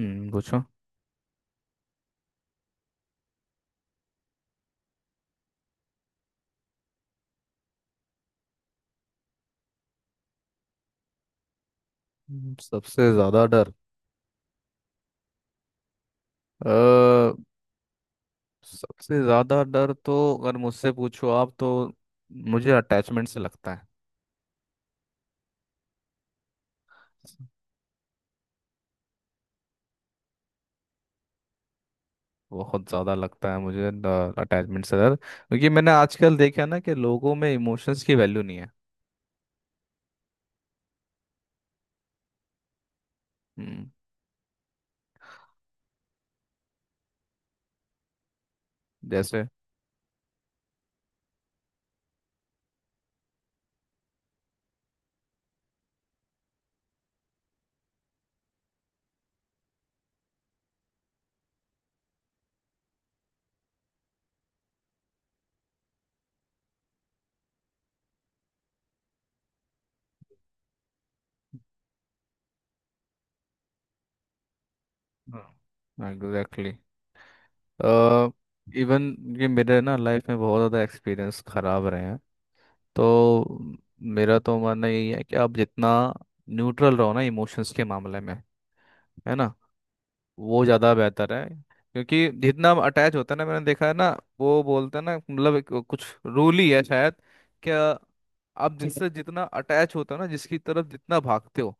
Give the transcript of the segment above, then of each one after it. हम्म, पूछो। सबसे ज्यादा डर। अ सबसे ज्यादा डर तो अगर मुझसे पूछो आप तो मुझे अटैचमेंट से लगता है। बहुत ज्यादा लगता है मुझे अटैचमेंट से डर, क्योंकि मैंने आजकल देखा ना कि लोगों में इमोशंस की वैल्यू नहीं है। हम्म, जैसे हाँ एग्जैक्टली। अ इवन ये मेरे ना लाइफ में बहुत ज़्यादा एक्सपीरियंस खराब रहे हैं। तो मेरा तो मानना यही है कि आप जितना न्यूट्रल रहो ना इमोशंस के मामले में, है ना, वो ज़्यादा बेहतर है। क्योंकि जितना अटैच होता है ना, मैंने देखा है ना, वो बोलते हैं ना, मतलब एक कुछ रूल ही है शायद। क्या आप जिससे जितना अटैच होता हो ना, जिसकी तरफ जितना भागते हो,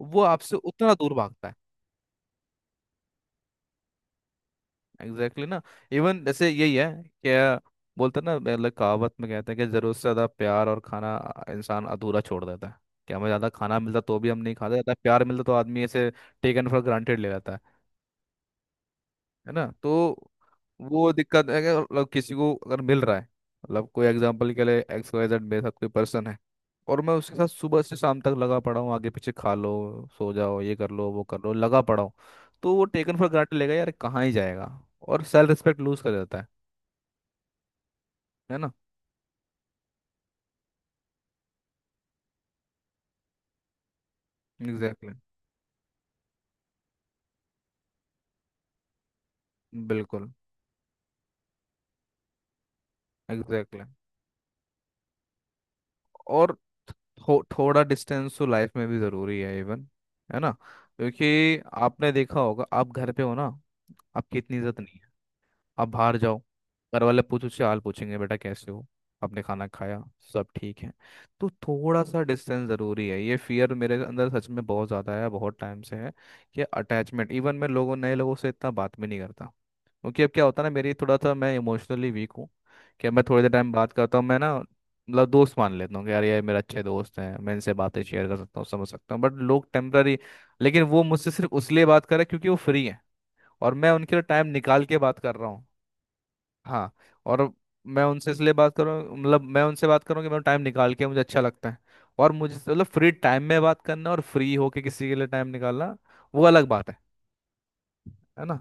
वो आपसे उतना दूर भागता है। एग्जैक्टली exactly ना। इवन जैसे यही है। क्या बोलते हैं ना, मतलब कहावत में कहते हैं कि ज़रूरत से ज़्यादा प्यार और खाना इंसान अधूरा छोड़ देता है। कि हमें ज़्यादा खाना मिलता तो भी हम नहीं खाते, ज़्यादा प्यार मिलता तो आदमी ऐसे टेकन फॉर ग्रांटेड ले लेता है। है ना, तो वो दिक्कत है कि मतलब किसी को अगर मिल रहा है। मतलब कोई एग्जांपल के लिए एक्स वाई जेड मेरे साथ कोई पर्सन है और मैं उसके साथ सुबह से शाम तक लगा पड़ा हूँ आगे पीछे। खा लो, सो जाओ, ये कर लो, वो कर लो, लगा पड़ा हूँ। तो वो टेकन फॉर ग्रांटेड लेगा यार, कहाँ ही जाएगा। और सेल्फ रिस्पेक्ट लूज कर जाता है। है ना एग्जैक्टली exactly. बिल्कुल एग्जैक्टली exactly. और थोड़ा डिस्टेंस तो लाइफ में भी ज़रूरी है इवन, है ना। क्योंकि आपने देखा होगा आप घर पे हो ना आपकी इतनी इज्जत नहीं है। आप बाहर जाओ, घर वाले पूछो उससे हाल पूछेंगे बेटा कैसे हो, आपने खाना खाया, सब ठीक है। तो थोड़ा सा डिस्टेंस ज़रूरी है। ये फियर मेरे अंदर सच में बहुत ज़्यादा है, बहुत टाइम से है कि अटैचमेंट। इवन मैं लोगों नए लोगों से इतना बात भी नहीं करता। क्योंकि अब क्या होता है ना, मेरी थोड़ा सा, मैं इमोशनली वीक हूँ। कि मैं थोड़ी देर टाइम बात करता हूँ मैं ना, मतलब दोस्त मान लेता हूँ कि यार ये मेरे अच्छे दोस्त हैं, मैं इनसे बातें शेयर कर सकता हूँ, समझ सकता हूँ, बट लोग टेम्पररी। लेकिन वो मुझसे सिर्फ उसलिए बात कर रहे हैं क्योंकि वो फ्री हैं, और मैं उनके लिए टाइम निकाल के बात कर रहा हूँ। हाँ। और मैं उनसे इसलिए बात करूँ, मतलब मैं उनसे बात करूँ कि मैं टाइम निकाल के, मुझे अच्छा लगता है। और मुझे मतलब फ्री टाइम में बात करना और फ्री होके किसी के लिए टाइम निकालना, वो अलग बात है। है ना,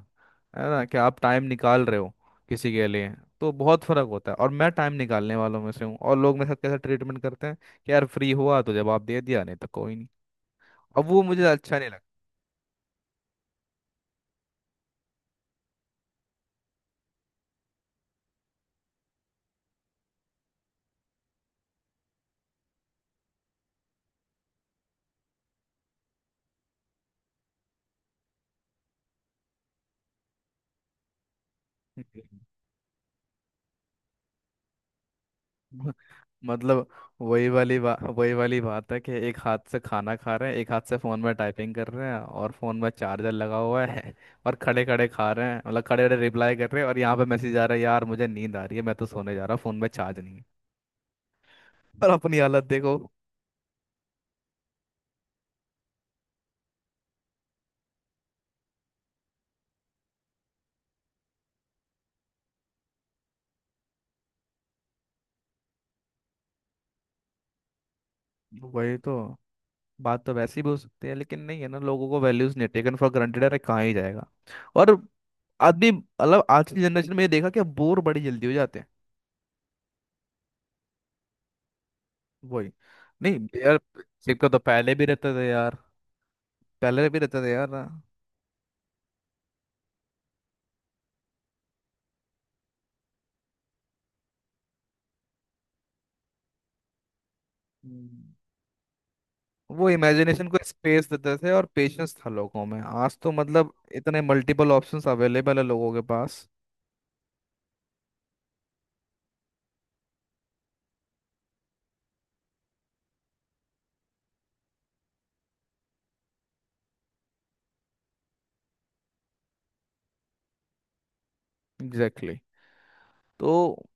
है ना, कि आप टाइम निकाल रहे हो किसी के लिए, तो बहुत फर्क होता है। और मैं टाइम निकालने वालों में से हूँ, और लोग मेरे साथ कैसा ट्रीटमेंट करते हैं, कि यार फ्री हुआ तो जवाब दे दिया, नहीं तो कोई नहीं। अब वो मुझे अच्छा नहीं लगता। मतलब वही वाली बात, वही वाली बात है कि एक हाथ से खाना खा रहे हैं, एक हाथ से फोन में टाइपिंग कर रहे हैं, और फोन में चार्जर लगा हुआ है और खड़े खड़े खा रहे हैं, मतलब खड़े खड़े रिप्लाई कर रहे हैं, और यहाँ पे मैसेज आ रहा है यार मुझे नींद आ रही है, मैं तो सोने जा रहा हूँ, फोन में चार्ज नहीं है, और अपनी हालत देखो। वही तो, बात तो वैसी भी हो सकती है, लेकिन नहीं है ना, लोगों को वैल्यूज नहीं, टेकन फॉर ग्रांटेड, अरे कहाँ ही जाएगा। और आदमी मतलब आज की जनरेशन में ये देखा कि बोर बड़ी जल्दी हो जाते हैं। वही, नहीं यार, सिक्का तो पहले भी रहता था यार, पहले भी रहता था यार ना। हम्म, वो इमेजिनेशन को स्पेस देते थे और पेशेंस था लोगों में। आज तो मतलब इतने मल्टीपल ऑप्शंस अवेलेबल है लोगों के पास। Exactly exactly. तो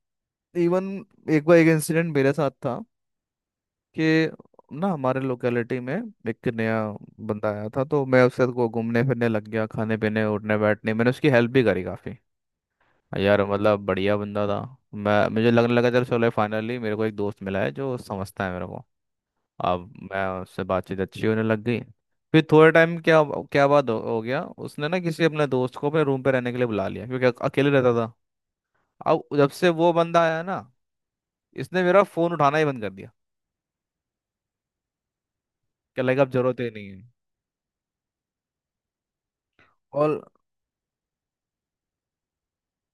इवन एक बार एक इंसिडेंट मेरे साथ था कि ना हमारे लोकेलिटी में एक नया बंदा आया था। तो मैं उससे को घूमने फिरने लग गया, खाने पीने, उठने बैठने, मैंने उसकी हेल्प भी करी काफ़ी। यार मतलब बढ़िया बंदा था। मैं मुझे लगने लगा चलो चलो फाइनली मेरे को एक दोस्त मिला है जो समझता है मेरे को। अब मैं उससे बातचीत अच्छी होने लग गई। फिर थोड़े टाइम क्या, क्या बात हो गया। उसने ना किसी अपने दोस्त को अपने रूम पे रहने के लिए बुला लिया, क्योंकि अकेले रहता था। अब जब से वो बंदा आया ना, इसने मेरा फोन उठाना ही बंद कर दिया। क्या लगा अब जरूरत ही नहीं है। Call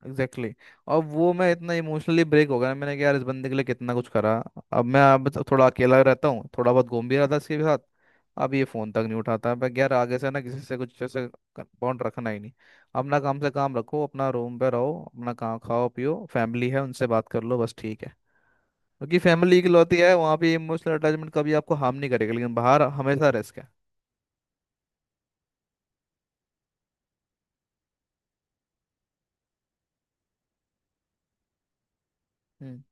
exactly exactly. और वो मैं इतना इमोशनली ब्रेक हो गया ना, मैंने कहा यार इस बंदे के लिए कितना कुछ करा। अब मैं, अब तो थोड़ा अकेला रहता हूँ, थोड़ा बहुत घूम भी रहा था इसके साथ। अब ये फ़ोन तक नहीं उठाता। मैं कहा, यार आगे से ना किसी से कुछ ऐसे बॉन्ड रखना ही नहीं। अपना काम से काम रखो, अपना रूम पे रहो, अपना काम, खाओ पियो, फैमिली है उनसे बात कर लो, बस ठीक है। क्योंकि फैमिली इकलौती है, वहाँ पे इमोशनल अटैचमेंट कभी आपको हार्म नहीं करेगा, लेकिन बाहर हमेशा रिस्क है। हम्म,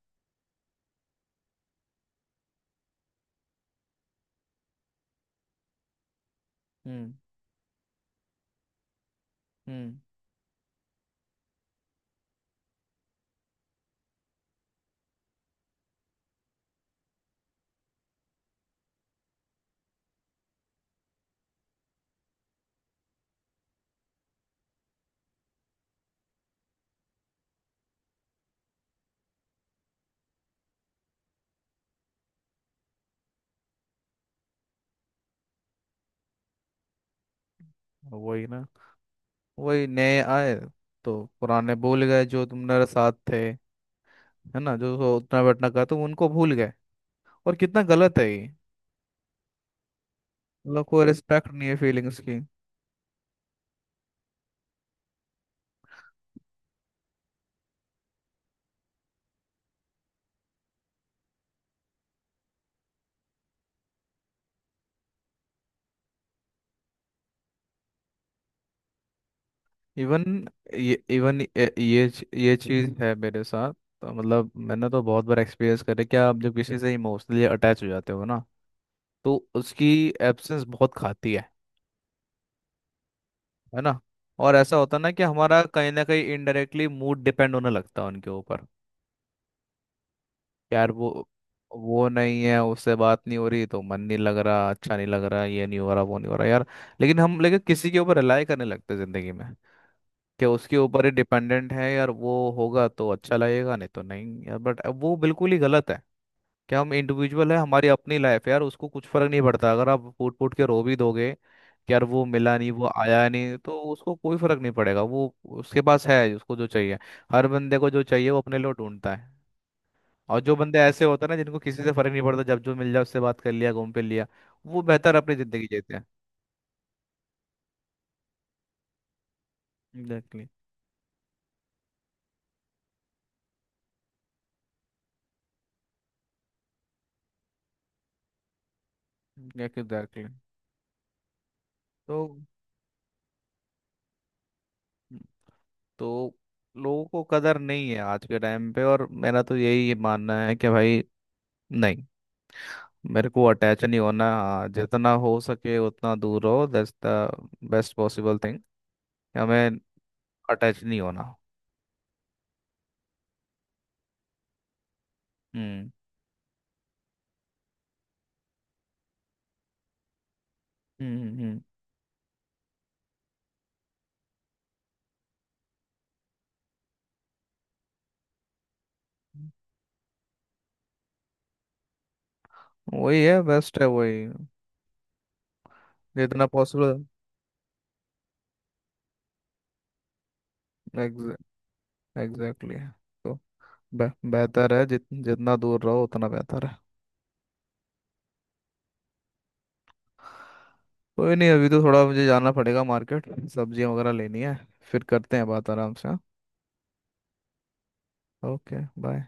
हम्म, हम्म, वही ना, वही नए आए तो पुराने भूल गए, जो तुम मेरे साथ थे। है ना, जो सो उतना बैठना का, तो उनको भूल गए। और कितना गलत है ये। उन लोग को रिस्पेक्ट नहीं है फीलिंग्स की। इवन ये, इवन ये, ये चीज़ है मेरे साथ, तो मतलब मैंने तो बहुत बार एक्सपीरियंस करे। क्या आप जब किसी से इमोशनली अटैच हो जाते हो ना, तो उसकी एब्सेंस बहुत खाती है। है ना, और ऐसा होता है ना कि हमारा कहीं ना कहीं इनडायरेक्टली मूड डिपेंड होने लगता है उनके ऊपर। यार वो नहीं है, उससे बात नहीं हो रही तो मन नहीं लग रहा, अच्छा नहीं लग रहा, ये नहीं हो रहा, वो नहीं हो रहा यार। लेकिन किसी के ऊपर रिलाई करने लगते हैं जिंदगी में, कि उसके ऊपर ही डिपेंडेंट है यार वो, होगा तो अच्छा लगेगा, नहीं तो नहीं यार, बट वो बिल्कुल ही गलत है। क्या हम इंडिविजुअल है, हमारी अपनी लाइफ है यार, उसको कुछ फर्क नहीं पड़ता। अगर आप फूट फूट के रो भी दोगे कि यार वो मिला नहीं, वो आया नहीं, तो उसको कोई फर्क नहीं पड़ेगा, वो उसके पास है उसको जो चाहिए। हर बंदे को जो चाहिए वो अपने लिए ढूंढता है। और जो बंदे ऐसे होते हैं ना, जिनको किसी से फर्क नहीं पड़ता, जब जो मिल जाए उससे बात कर लिया, घूम फिर लिया, वो बेहतर अपनी जिंदगी जीते हैं। एग्जैक्टली, एग्जैक्टली, तो तो लोगों को कदर नहीं है आज के टाइम पे, और मेरा तो यही मानना है कि भाई नहीं, मेरे को अटैच नहीं होना। हाँ, जितना हो सके उतना दूर रहो, that's the best possible thing. हमें अटैच नहीं होना। हम्म, हम्म, हम्म, वही है, बेस्ट है वही, जितना पॉसिबल। एग्जैक्टली, तो बेहतर है, जितना दूर रहो उतना बेहतर है। कोई नहीं, अभी तो थोड़ा मुझे जाना पड़ेगा मार्केट, सब्जियां वगैरह लेनी है। फिर करते हैं बात आराम से, हाँ। Okay, bye.